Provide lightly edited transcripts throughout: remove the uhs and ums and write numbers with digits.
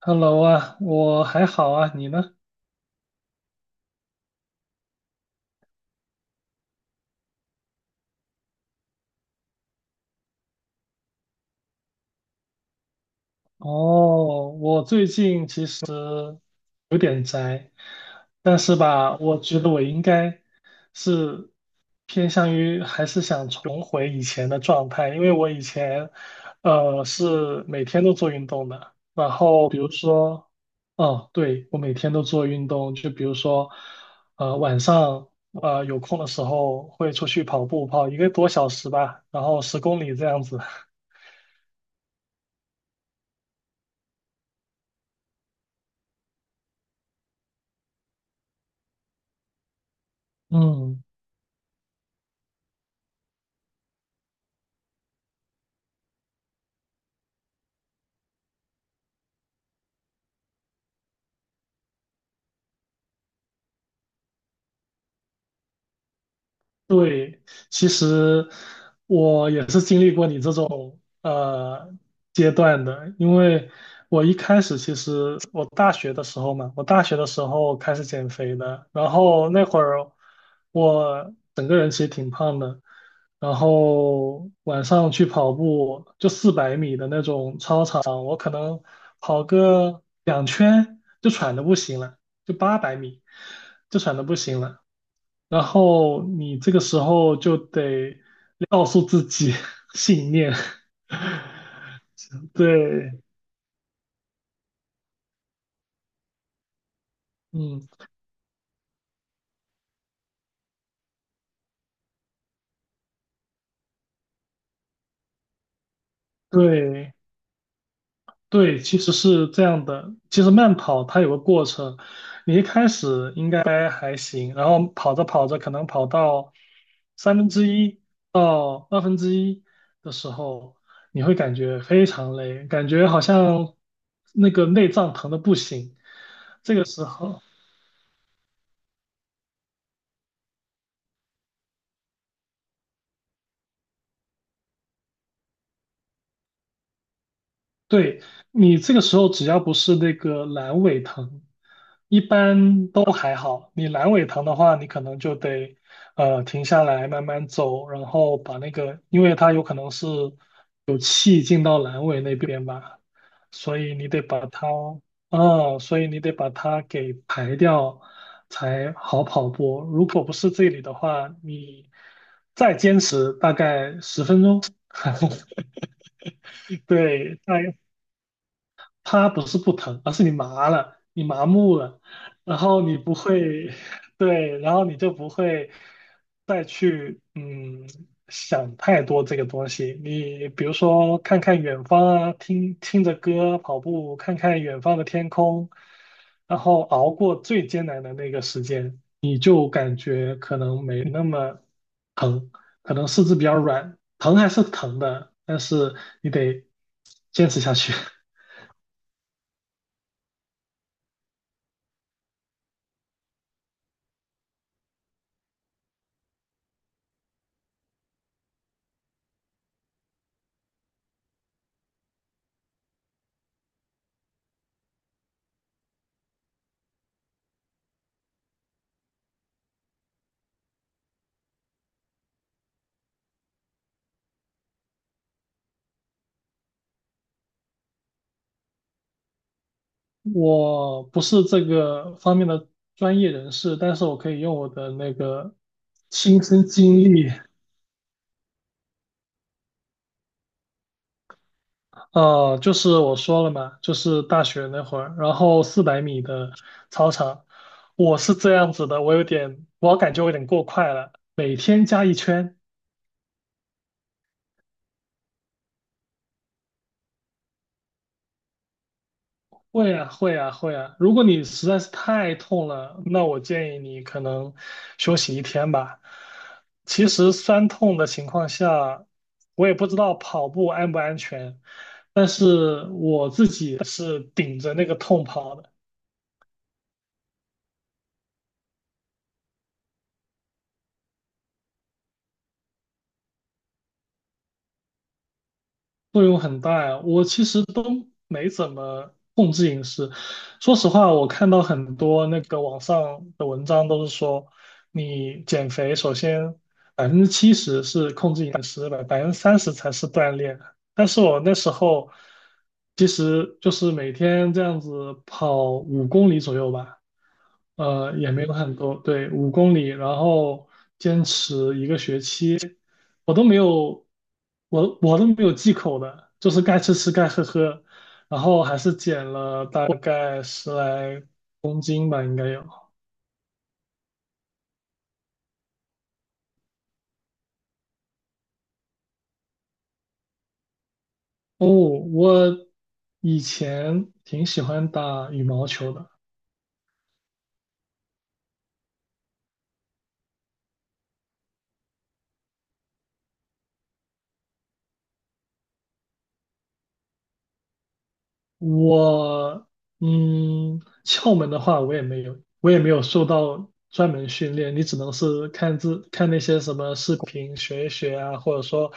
Hello 啊，我还好啊，你呢？哦，我最近其实有点宅，但是吧，我觉得我应该是偏向于还是想重回以前的状态，因为我以前是每天都做运动的，然后比如说。哦，对，我每天都做运动，就比如说，晚上有空的时候会出去跑步，跑一个多小时吧，然后10公里这样子。嗯，对，其实我也是经历过你这种阶段的，因为我一开始其实我大学的时候嘛，我大学的时候开始减肥的，然后那会儿我整个人其实挺胖的，然后晚上去跑步就四百米的那种操场，我可能跑个2圈就喘的不行了，就800米就喘的不行了。然后你这个时候就得告诉自己 信念。对。嗯，对对，其实是这样的。其实慢跑它有个过程，你一开始应该还行，然后跑着跑着，可能跑到1/3到1/2的时候，你会感觉非常累，感觉好像那个内脏疼的不行。这个时候，对，你这个时候只要不是那个阑尾疼，一般都还好。你阑尾疼的话，你可能就得停下来慢慢走，然后把那个，因为它有可能是气进到阑尾那边吧，所以你得把它，嗯，所以你得把它给排掉才好跑步。如果不是这里的话，你再坚持大概10分钟。对。大它不是不疼，而是你麻了，你麻木了，然后你不会，对，然后你就不会再去想太多这个东西。你比如说看看远方啊，听听着歌跑步，看看远方的天空，然后熬过最艰难的那个时间，你就感觉可能没那么疼，可能四肢比较软，疼还是疼的，但是你得坚持下去。我不是这个方面的专业人士，但是我可以用我的那个亲身经历，就是我说了嘛，就是大学那会儿，然后四百米的操场，我是这样子的，我有点，我感觉我有点过快了，每天加一圈。会呀，会呀，会呀。如果你实在是太痛了，那我建议你可能休息一天吧。其实酸痛的情况下，我也不知道跑步安不安全，但是我自己是顶着那个痛跑的。作用很大呀，我其实都没怎么控制饮食。说实话，我看到很多那个网上的文章都是说，你减肥首先70%是控制饮食的，30%才是锻炼。但是我那时候其实就是每天这样子跑五公里左右吧，也没有很多，对，五公里，然后坚持一个学期。我都没有，我都没有忌口的，就是该吃吃，该喝喝，然后还是减了大概10来斤吧，应该有。哦，我以前挺喜欢打羽毛球的。我窍门的话，我也没有，我也没有受到专门训练，你只能是看那些什么视频学一学啊，或者说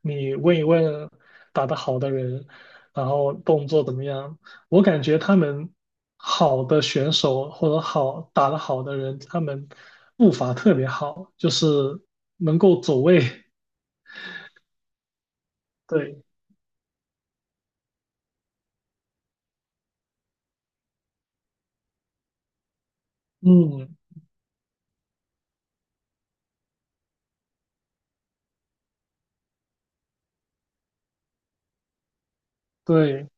你问一问打得好的人，然后动作怎么样。我感觉他们好的选手或者打得好的人，他们步伐特别好，就是能够走位。对。嗯，对。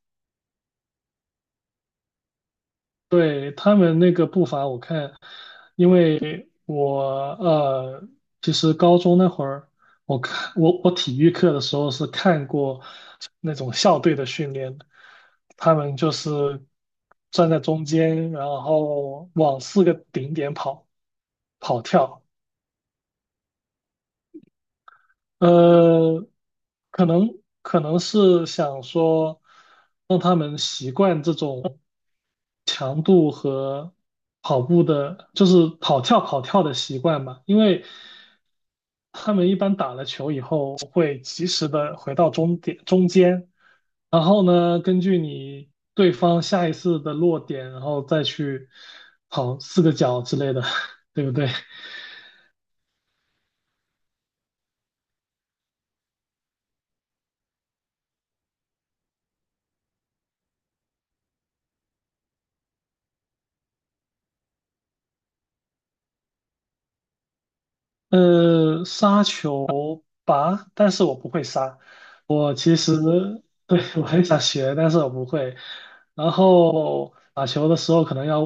对，他们那个步伐，我看，因为我呃，其实高中那会儿，我看我体育课的时候是看过那种校队的训练的，他们就是站在中间，然后往四个顶点跑跑跳。呃，可能是想说让他们习惯这种强度和跑步的，就是跑跳跑跳的习惯嘛，因为他们一般打了球以后会及时的回到终点中间，然后呢，根据你对方下一次的落点，然后再去跑四个角之类的，对不对？杀球吧，但是我不会杀。我其实 对，我很想学，但是我不会。然后打球的时候可能要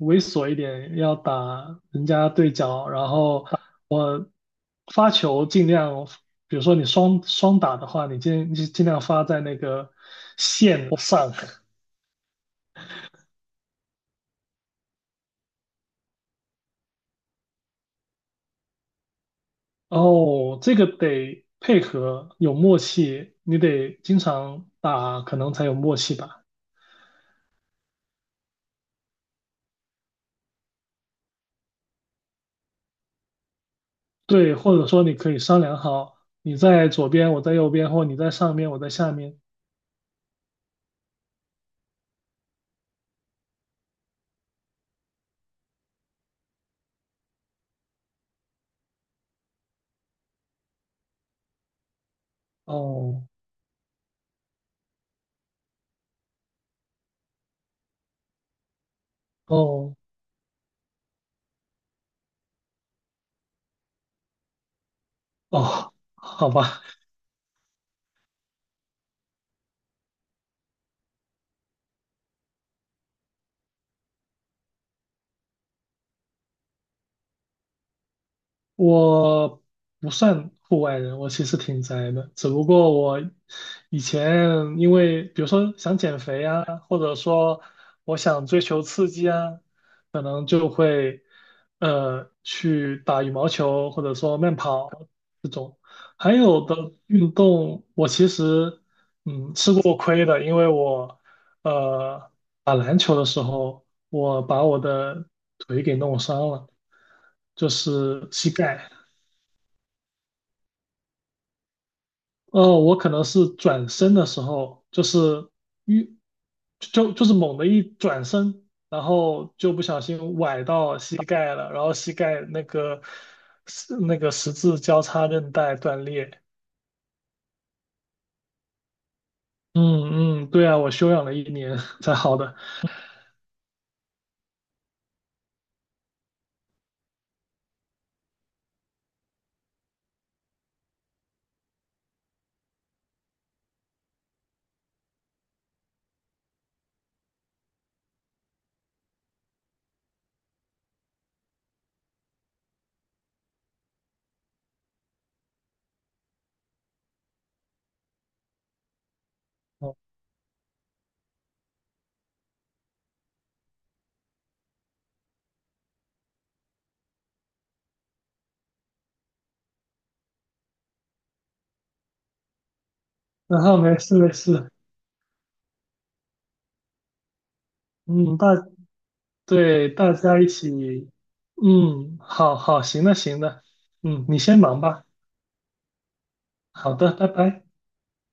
猥琐一点，要打人家对角。然后我发球尽量，比如说你双打的话，你尽量发在那个线上。哦，这个得配合，有默契，你得经常打，可能才有默契吧。对，或者说你可以商量好，你在左边，我在右边，或你在上面，我在下面。哦哦哦，好吧。我不算户外人，我其实挺宅的。只不过我以前因为，比如说想减肥啊，或者说我想追求刺激啊，可能就会去打羽毛球，或者说慢跑这种。还有的运动，我其实吃过亏的，因为我呃打篮球的时候，我把我的腿给弄伤了。就是膝盖。我可能是转身的时候，就是一就是猛的一转身，然后就不小心崴到膝盖了，然后膝盖那个十字交叉韧带断裂。嗯嗯，对啊，我休养了一年才好的。然后没事没事。嗯，对大家一起，嗯，好好，行的行的，嗯，你先忙吧。好的，拜拜。